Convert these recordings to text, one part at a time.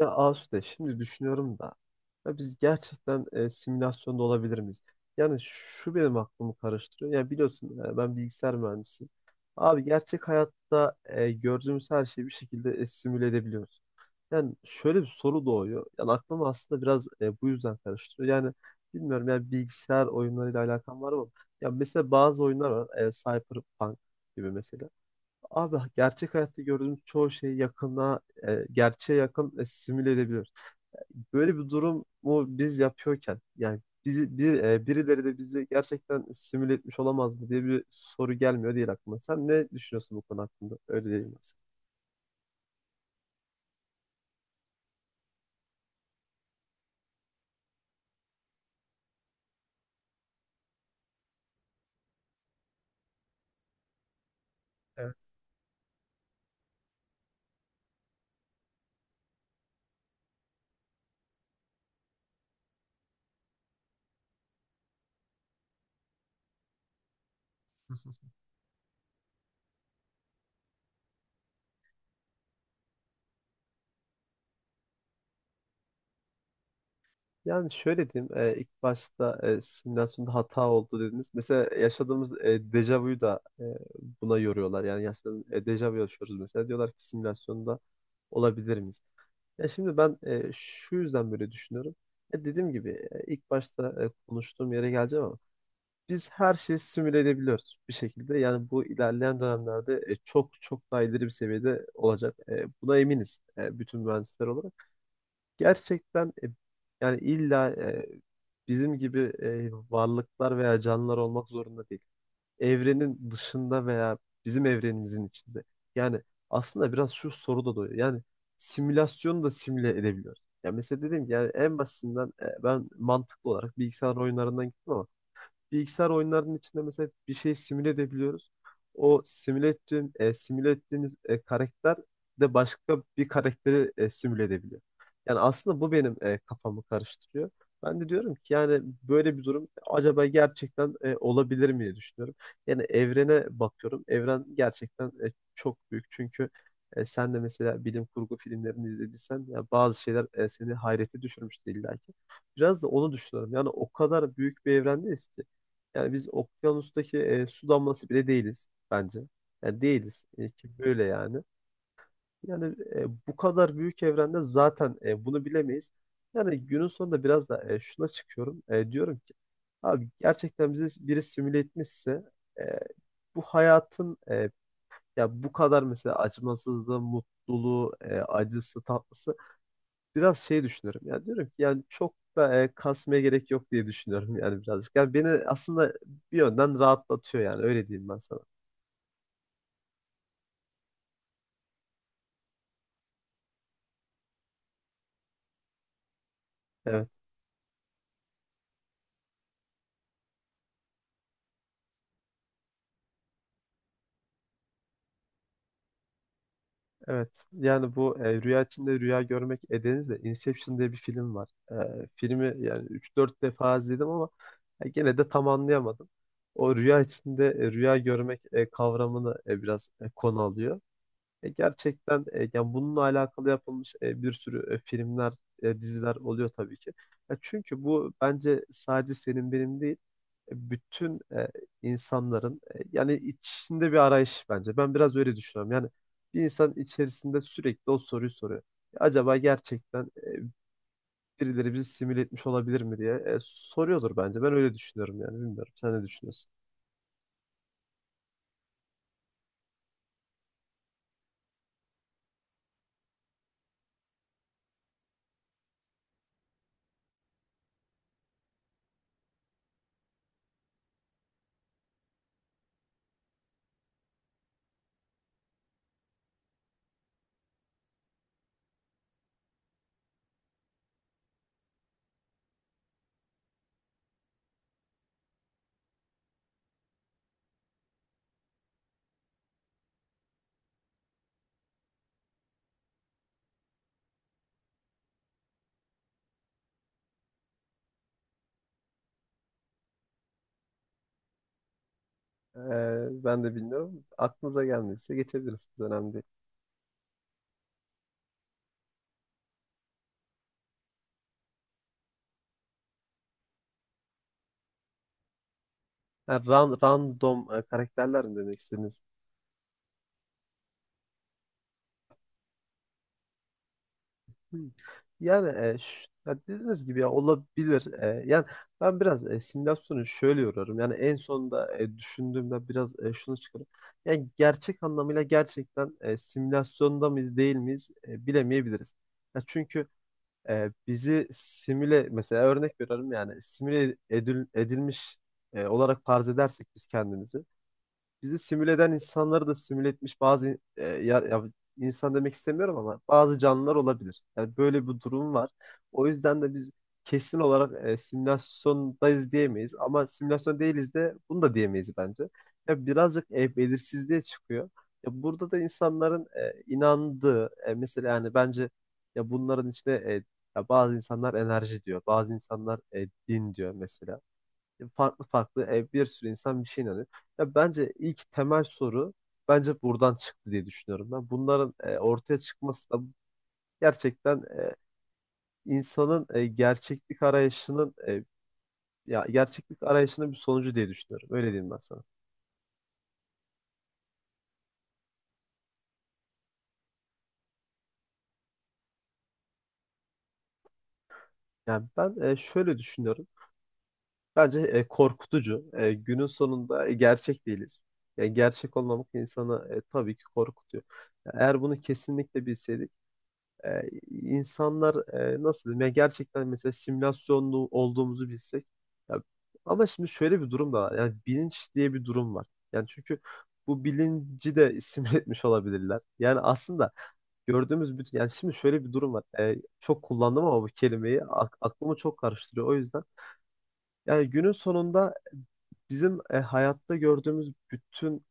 Ya Asude, şimdi düşünüyorum da ya biz gerçekten simülasyonda olabilir miyiz? Yani şu benim aklımı karıştırıyor. Ya biliyorsun, ben bilgisayar mühendisiyim. Abi, gerçek hayatta gördüğümüz her şeyi bir şekilde simüle edebiliyoruz. Yani şöyle bir soru doğuyor. Yani aklımı aslında biraz bu yüzden karıştırıyor. Yani bilmiyorum, yani bilgisayar oyunlarıyla alakam var mı? Ya mesela bazı oyunlar var. Cyberpunk gibi mesela. Abi, gerçek hayatta gördüğümüz çoğu şey yakına, gerçeğe yakın simüle edebilir. Böyle bir durumu biz yapıyorken yani bizi, bir, birileri de bizi gerçekten simüle etmiş olamaz mı diye bir soru gelmiyor değil aklıma. Sen ne düşünüyorsun bu konu hakkında? Öyle değil mi? Evet. Yani şöyle diyeyim, ilk başta simülasyonda hata oldu dediniz. Mesela yaşadığımız dejavuyu da buna yoruyorlar. Yani yaşadığımız dejavu yaşıyoruz mesela. Diyorlar ki simülasyonda olabilir miyiz? Ya şimdi ben şu yüzden böyle düşünüyorum. Ya dediğim gibi, ilk başta konuştuğum yere geleceğim ama biz her şeyi simüle edebiliyoruz bir şekilde. Yani bu ilerleyen dönemlerde çok çok daha ileri bir seviyede olacak. Buna eminiz, bütün mühendisler olarak gerçekten, yani illa bizim gibi varlıklar veya canlılar olmak zorunda değil. Evrenin dışında veya bizim evrenimizin içinde. Yani aslında biraz şu soru da doğuyor. Yani simülasyonu da simüle edebiliyoruz. Ya mesela dedim ki yani en basitinden, ben mantıklı olarak bilgisayar oyunlarından gittim ama bilgisayar oyunlarının içinde mesela bir şey simüle edebiliyoruz. O simüle ettiğim, simüle ettiğimiz karakter de başka bir karakteri simüle edebiliyor. Yani aslında bu benim kafamı karıştırıyor. Ben de diyorum ki yani böyle bir durum acaba gerçekten olabilir mi diye düşünüyorum. Yani evrene bakıyorum. Evren gerçekten çok büyük. Çünkü sen de mesela bilim kurgu filmlerini izlediysen, ya bazı şeyler seni hayrete düşürmüştü illa ki. Biraz da onu düşünüyorum. Yani o kadar büyük bir evrendeyiz ki. Yani biz okyanustaki su damlası bile değiliz bence. Yani değiliz, ki böyle yani. Yani, bu kadar büyük evrende zaten bunu bilemeyiz. Yani günün sonunda biraz da şuna çıkıyorum. Diyorum ki abi, gerçekten bizi biri simüle etmişse, e, bu hayatın, ya bu kadar mesela acımasızlığı, mutluluğu, acısı, tatlısı, biraz şey düşünüyorum. Yani diyorum ki yani çok da kasmaya gerek yok diye düşünüyorum yani birazcık. Yani beni aslında bir yönden rahatlatıyor yani öyle diyeyim ben sana. Evet, evet. Yani bu rüya içinde rüya görmek edenizle Inception diye bir film var. Filmi, yani üç dört defa izledim ama gene de tam anlayamadım. O rüya içinde rüya görmek kavramını biraz konu alıyor. Gerçekten, yani bununla alakalı yapılmış bir sürü filmler, diziler oluyor tabii ki. Ya çünkü bu bence sadece senin benim değil, bütün insanların yani içinde bir arayış bence. Ben biraz öyle düşünüyorum. Yani bir insan içerisinde sürekli o soruyu soruyor. Acaba gerçekten birileri bizi simüle etmiş olabilir mi diye soruyordur bence. Ben öyle düşünüyorum yani bilmiyorum. Sen ne düşünüyorsun? Ben de bilmiyorum. Aklınıza gelmediyse geçebiliriz. Önemli değil. Ha, random karakterler mi demek istediniz? Hmm. Yani, ya dediğiniz gibi ya olabilir. Yani ben biraz simülasyonu şöyle yoruyorum. Yani en sonunda düşündüğümde biraz şunu çıkarım. Yani gerçek anlamıyla gerçekten simülasyonda mıyız değil miyiz bilemeyebiliriz. Ya çünkü bizi simüle, mesela örnek veriyorum, yani simüle edilmiş olarak farz edersek biz kendimizi. Bizi simüle eden insanları da simüle etmiş bazı, ya insan demek istemiyorum ama bazı canlılar olabilir. Yani böyle bir durum var. O yüzden de biz kesin olarak simülasyondayız diyemeyiz ama simülasyon değiliz de bunu da diyemeyiz bence. Ya birazcık belirsizliğe çıkıyor. Ya burada da insanların inandığı, mesela yani bence, ya bunların içinde, ya bazı insanlar enerji diyor, bazı insanlar din diyor mesela, farklı farklı bir sürü insan bir şey inanıyor. Ya bence ilk temel soru bence buradan çıktı diye düşünüyorum ben. Bunların ortaya çıkması da gerçekten insanın gerçeklik arayışının, ya gerçeklik arayışının bir sonucu diye düşünüyorum. Öyle diyeyim ben sana. Yani ben şöyle düşünüyorum. Bence korkutucu. Günün sonunda gerçek değiliz. Yani gerçek olmamak insanı tabii ki korkutuyor. Ya eğer bunu kesinlikle bilseydik, insanlar, nasıl diyeyim, ya gerçekten mesela simülasyonlu olduğumuzu bilsek ya, ama şimdi şöyle bir durum da var, yani bilinç diye bir durum var, yani çünkü bu bilinci de simüle etmiş olabilirler, yani aslında gördüğümüz bütün, yani şimdi şöyle bir durum var. Çok kullandım ama bu kelimeyi aklımı çok karıştırıyor, o yüzden yani günün sonunda bizim hayatta gördüğümüz bütün,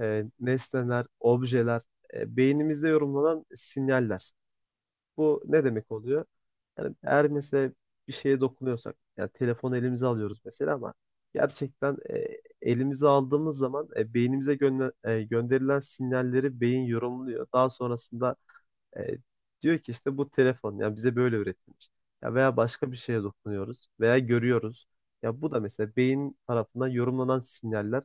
nesneler, objeler, beynimizde yorumlanan sinyaller. Bu ne demek oluyor? Yani eğer mesela bir şeye dokunuyorsak, yani telefonu elimize alıyoruz mesela ama gerçekten, elimize aldığımız zaman beynimize gönderilen sinyalleri beyin yorumluyor. Daha sonrasında e, diyor ki işte bu telefon yani bize böyle üretilmiş. Ya veya başka bir şeye dokunuyoruz veya görüyoruz. Ya bu da mesela beyin tarafından yorumlanan sinyaller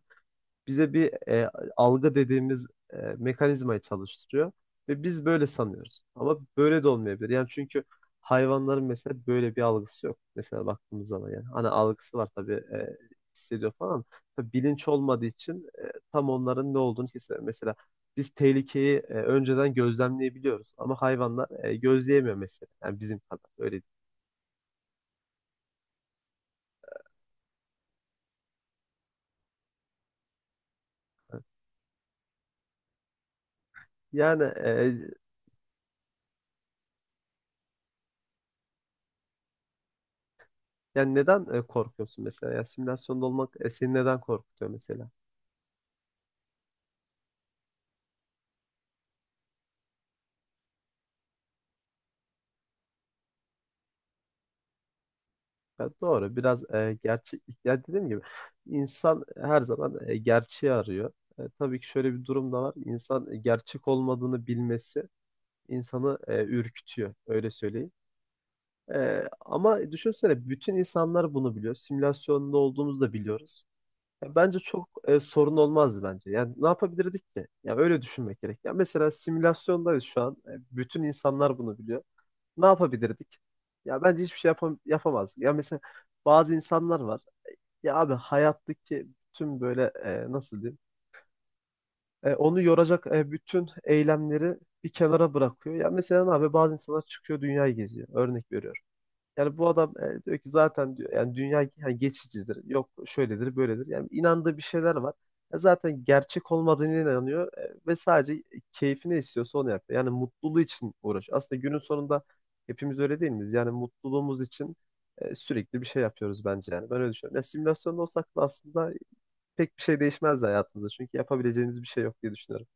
bize bir algı dediğimiz mekanizmayı çalıştırıyor ve biz böyle sanıyoruz. Ama böyle de olmayabilir. Yani çünkü hayvanların mesela böyle bir algısı yok. Mesela baktığımız zaman yani hani algısı var tabii, hissediyor falan. Ama tabii bilinç olmadığı için tam onların ne olduğunu kesinlikle. Mesela biz tehlikeyi önceden gözlemleyebiliyoruz ama hayvanlar gözleyemiyor mesela. Yani bizim kadar öyle değil. Yani, yani neden korkuyorsun mesela? Ya simülasyonda olmak seni neden korkutuyor mesela? Ya doğru. Biraz gerçek. Ya dediğim gibi, insan her zaman gerçeği arıyor. Tabii ki şöyle bir durum da var. İnsan, gerçek olmadığını bilmesi insanı ürkütüyor. Öyle söyleyeyim. Ama düşünsene, bütün insanlar bunu biliyor. Simülasyonda olduğumuzu da biliyoruz. Ya bence çok sorun olmazdı bence. Yani ne yapabilirdik ki? Ya öyle düşünmek gerek. Ya mesela simülasyondayız şu an. Bütün insanlar bunu biliyor. Ne yapabilirdik? Ya bence hiçbir şey yapamazdık. Ya mesela bazı insanlar var. Ya abi hayattaki tüm böyle, nasıl diyeyim? Onu yoracak bütün eylemleri bir kenara bırakıyor. Ya mesela, ne abi, bazı insanlar çıkıyor dünyayı geziyor. Örnek veriyorum. Yani bu adam diyor ki zaten, diyor yani dünya yani geçicidir. Yok şöyledir böyledir. Yani inandığı bir şeyler var. Zaten gerçek olmadığına inanıyor, ve sadece keyfini istiyorsa onu yapıyor. Yani mutluluğu için uğraşıyor. Aslında günün sonunda hepimiz öyle değil miyiz? Yani mutluluğumuz için sürekli bir şey yapıyoruz bence yani. Ben öyle düşünüyorum. Ya simülasyonda olsak da aslında pek bir şey değişmez hayatımızda. Çünkü yapabileceğimiz bir şey yok diye düşünüyorum.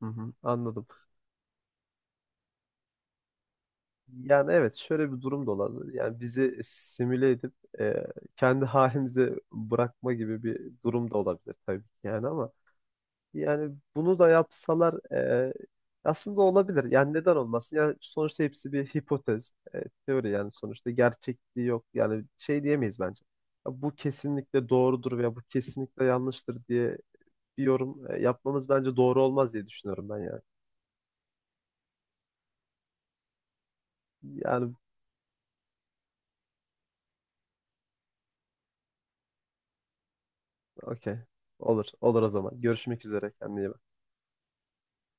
Hı hı, anladım. Yani evet, şöyle bir durum da olabilir. Yani bizi simüle edip e, kendi halimize bırakma gibi bir durum da olabilir tabii ki yani, ama yani bunu da yapsalar aslında olabilir. Yani neden olmasın? Yani sonuçta hepsi bir hipotez, teori, yani sonuçta gerçekliği yok. Yani şey diyemeyiz bence. Ya bu kesinlikle doğrudur veya bu kesinlikle yanlıştır diye bir yorum yapmamız bence doğru olmaz diye düşünüyorum ben yani. Yani okey. Olur. Olur o zaman. Görüşmek üzere. Kendine iyi bak.